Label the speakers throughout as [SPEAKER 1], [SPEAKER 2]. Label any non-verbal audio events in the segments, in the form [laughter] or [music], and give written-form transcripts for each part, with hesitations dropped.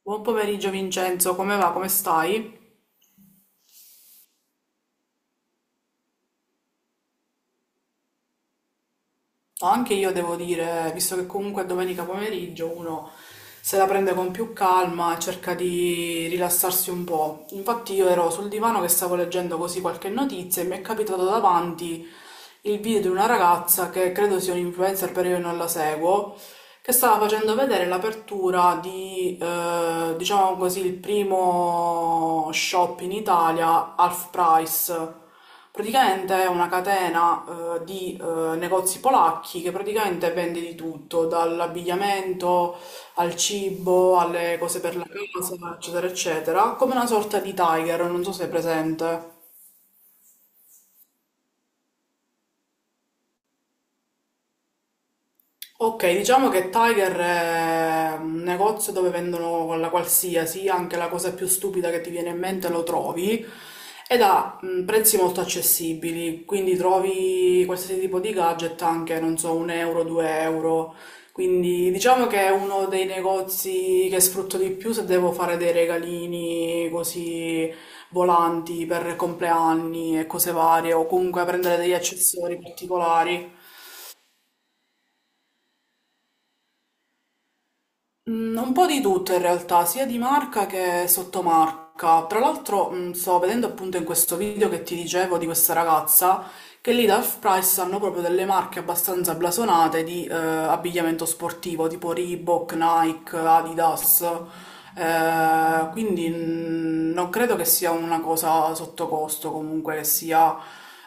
[SPEAKER 1] Buon pomeriggio Vincenzo, come va? Come stai? Anche io devo dire, visto che comunque è domenica pomeriggio, uno se la prende con più calma e cerca di rilassarsi un po'. Infatti io ero sul divano che stavo leggendo così qualche notizia e mi è capitato davanti il video di una ragazza che credo sia un influencer, però io non la seguo, che stava facendo vedere l'apertura di, diciamo così, il primo shop in Italia, Half Price. Praticamente è una catena di negozi polacchi che praticamente vende di tutto, dall'abbigliamento al cibo, alle cose per la casa, eccetera, eccetera, come una sorta di Tiger, non so se è presente. Ok, diciamo che Tiger è un negozio dove vendono la qualsiasi, anche la cosa più stupida che ti viene in mente lo trovi ed ha prezzi molto accessibili, quindi trovi qualsiasi tipo di gadget anche, non so, 1 euro, 2 euro. Quindi diciamo che è uno dei negozi che sfrutto di più se devo fare dei regalini così volanti per compleanni e cose varie o comunque prendere degli accessori particolari. Un po' di tutto in realtà, sia di marca che sottomarca. Tra l'altro, sto vedendo appunto in questo video che ti dicevo di questa ragazza che lì da Half-Price hanno proprio delle marche abbastanza blasonate di abbigliamento sportivo, tipo Reebok, Nike, Adidas. Quindi non credo che sia una cosa sotto costo, comunque che sia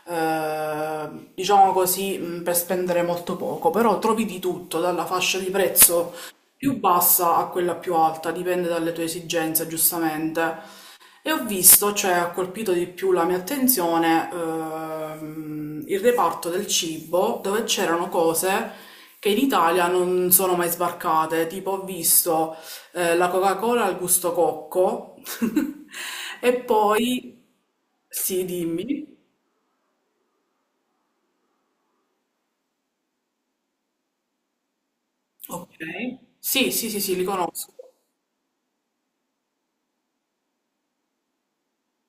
[SPEAKER 1] eh, diciamo così, per spendere molto poco, però trovi di tutto, dalla fascia di prezzo più bassa a quella più alta, dipende dalle tue esigenze, giustamente. E ho visto, cioè ha colpito di più la mia attenzione, il reparto del cibo, dove c'erano cose che in Italia non sono mai sbarcate, tipo ho visto la Coca-Cola al gusto cocco [laughs] e poi... Sì, dimmi. Ok. Sì, sì, sì, sì, li conosco.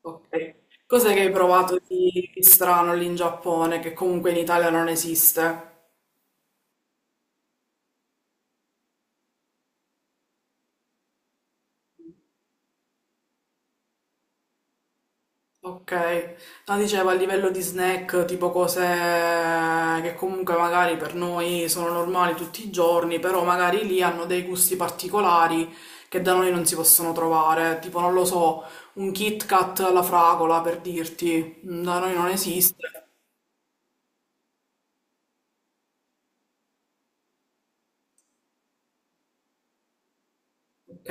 [SPEAKER 1] Ok. Cos'è che hai provato di strano lì in Giappone, che comunque in Italia non esiste? Ok. No, dicevo a livello di snack, tipo cose che comunque magari per noi sono normali tutti i giorni, però magari lì hanno dei gusti particolari che da noi non si possono trovare. Tipo, non lo so, un Kit Kat alla fragola, per dirti. Da noi non esiste. Ok.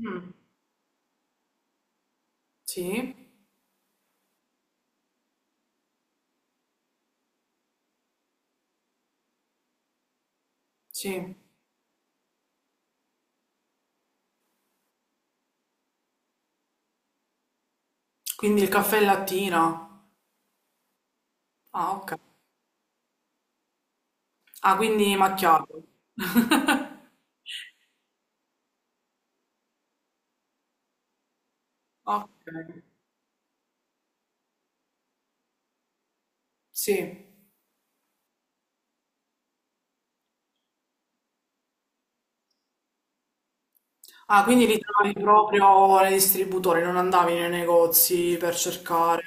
[SPEAKER 1] Mm, sì, sì. Quindi il caffè e lattina. Ah, ok. Ah, quindi macchiato. [laughs] Ok, sì. Ah, quindi li trovi proprio nei distributori, non andavi nei negozi per cercare.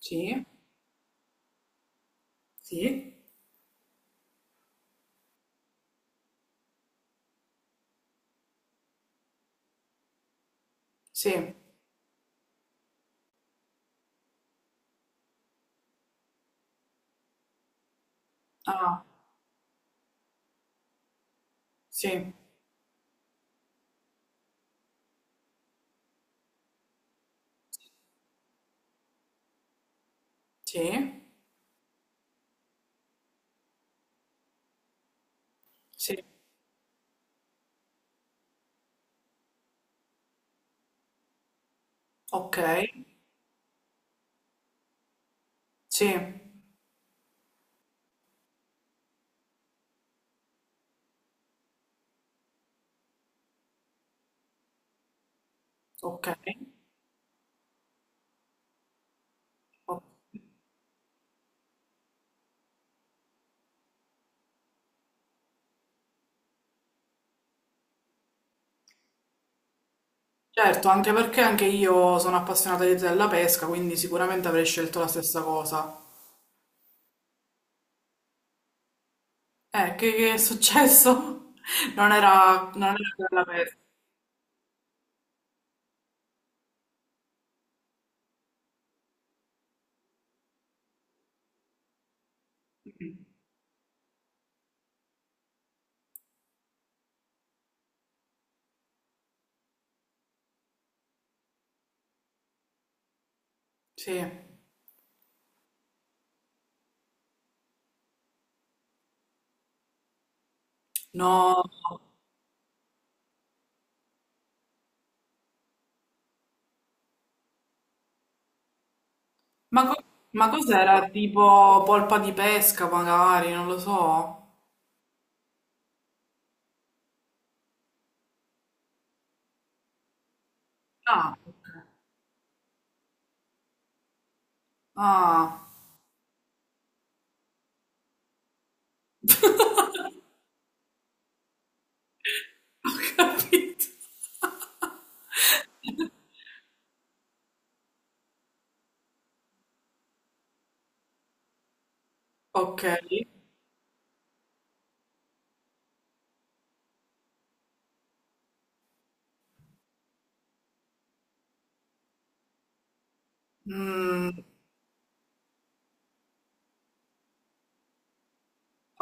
[SPEAKER 1] Sì, sì, sì. Ah, sì, sì, sì. Ok, sì, ok. Ok. Certo, anche perché anche io sono appassionata della pesca, quindi sicuramente avrei scelto la stessa cosa. Che è successo? [laughs] Non era quella pesca. Sì. No, ma, co- ma cos'era? Tipo polpa di pesca, magari, non lo so. Ah, ok. Ah, [laughs] ho capito. Ok. Mm,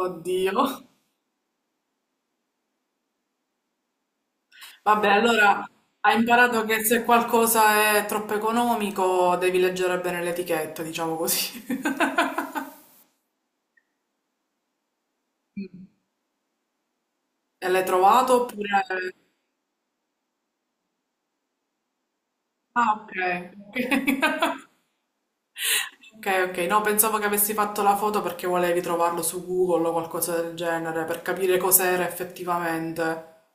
[SPEAKER 1] oddio. Vabbè, allora hai imparato che se qualcosa è troppo economico devi leggere bene l'etichetta, diciamo così. [laughs] E l'hai trovato oppure... Ah, ok. Ok. [laughs] Ok, ok, no, pensavo che avessi fatto la foto perché volevi trovarlo su Google o qualcosa del genere per capire cos'era effettivamente.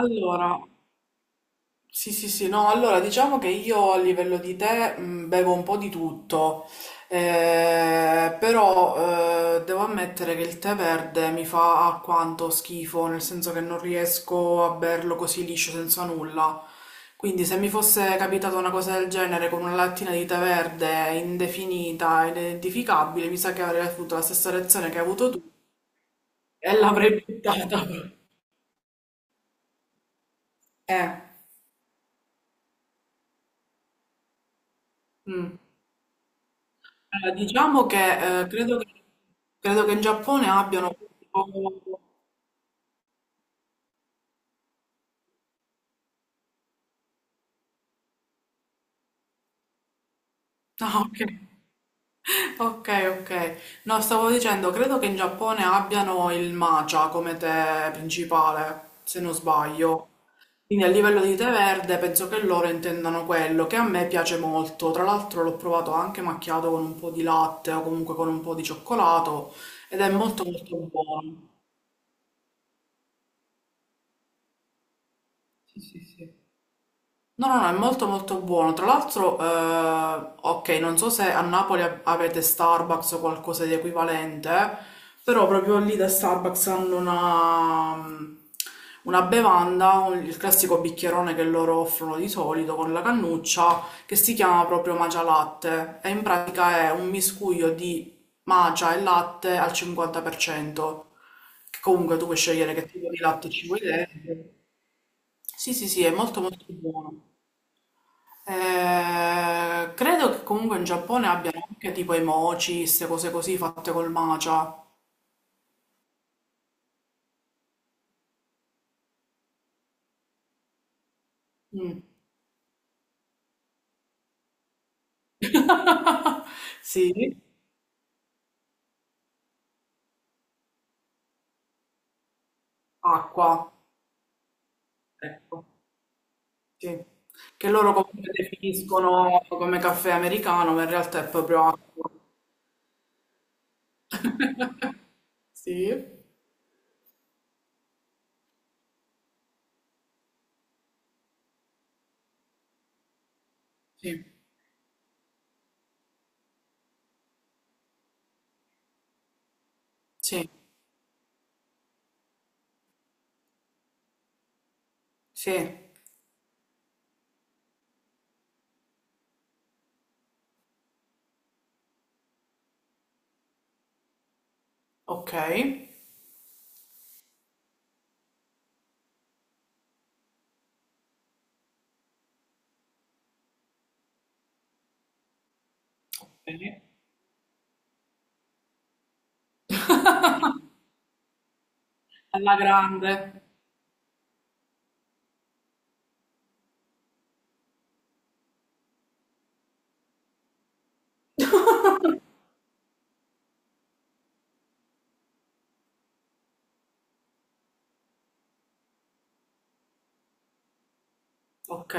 [SPEAKER 1] Allora, sì, sì, sì, no, allora diciamo che io a livello di tè bevo un po' di tutto, però devo ammettere che il tè verde mi fa alquanto schifo, nel senso che non riesco a berlo così liscio senza nulla. Quindi se mi fosse capitata una cosa del genere con una lattina di tè verde indefinita, inidentificabile, mi sa che avrei avuto la stessa reazione che hai avuto tu e l'avrei buttata. Eh, mm. Allora, diciamo che, credo che, credo che in Giappone abbiano. Ah, [laughs] ok. Ok, ok. No, stavo dicendo, credo che in Giappone abbiano il matcha come tè principale, se non sbaglio. Quindi a livello di tè verde penso che loro intendano quello, che a me piace molto. Tra l'altro l'ho provato anche macchiato con un po' di latte o comunque con un po' di cioccolato ed è molto molto buono. Sì, sì, sì. No, no, no, è molto molto buono. Tra l'altro, ok, non so se a Napoli avete Starbucks o qualcosa di equivalente, però proprio lì da Starbucks hanno una, una bevanda, il classico bicchierone che loro offrono di solito con la cannuccia, che si chiama proprio Magia Latte e in pratica è un miscuglio di magia e latte al 50%, che comunque tu puoi scegliere che tipo di latte ci vuoi dentro. Sì, sì, sì, è molto molto buono. Credo che comunque in Giappone abbiano anche tipo i mochi, queste cose così fatte col matcha. Mm. [laughs] Sì, acqua, ecco, sì. Che loro comunque definiscono come caffè americano, ma in realtà è proprio acqua. [laughs] Sì, sì, sì, sì, ok, ok. Alla grande, ok.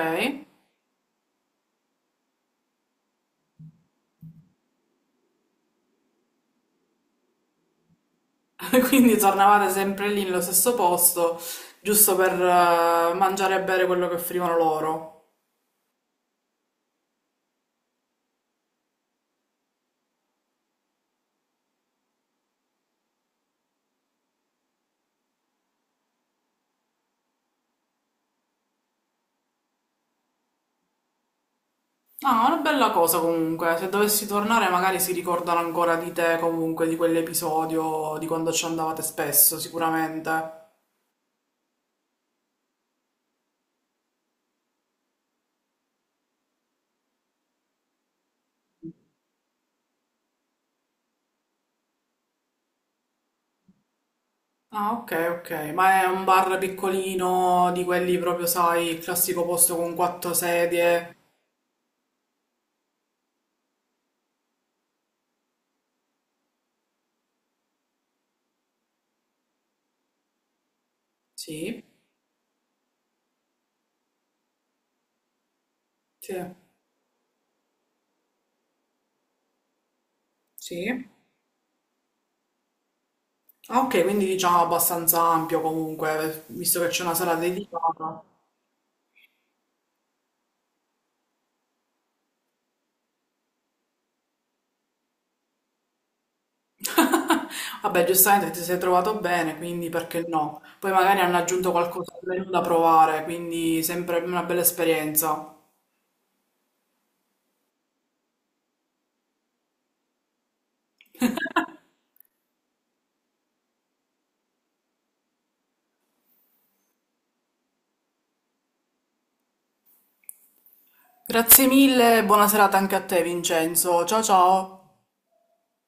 [SPEAKER 1] [laughs] Quindi tornavate sempre lì nello stesso posto, giusto per mangiare e bere quello che offrivano loro. Ah, una bella cosa comunque. Se dovessi tornare, magari si ricordano ancora di te, comunque, di quell'episodio, di quando ci andavate spesso, sicuramente. Ah, ok, ok. Ma è un bar piccolino, di quelli proprio, sai, il classico posto con quattro sedie. Sì, sì, sì. Ah, ok, quindi diciamo abbastanza ampio comunque, visto che c'è una sala dedicata. [laughs] Vabbè, giustamente ti sei trovato bene, quindi perché no? Poi magari hanno aggiunto qualcosa al menù da provare, quindi sempre una bella esperienza. Grazie mille, buona serata anche a te, Vincenzo. Ciao ciao.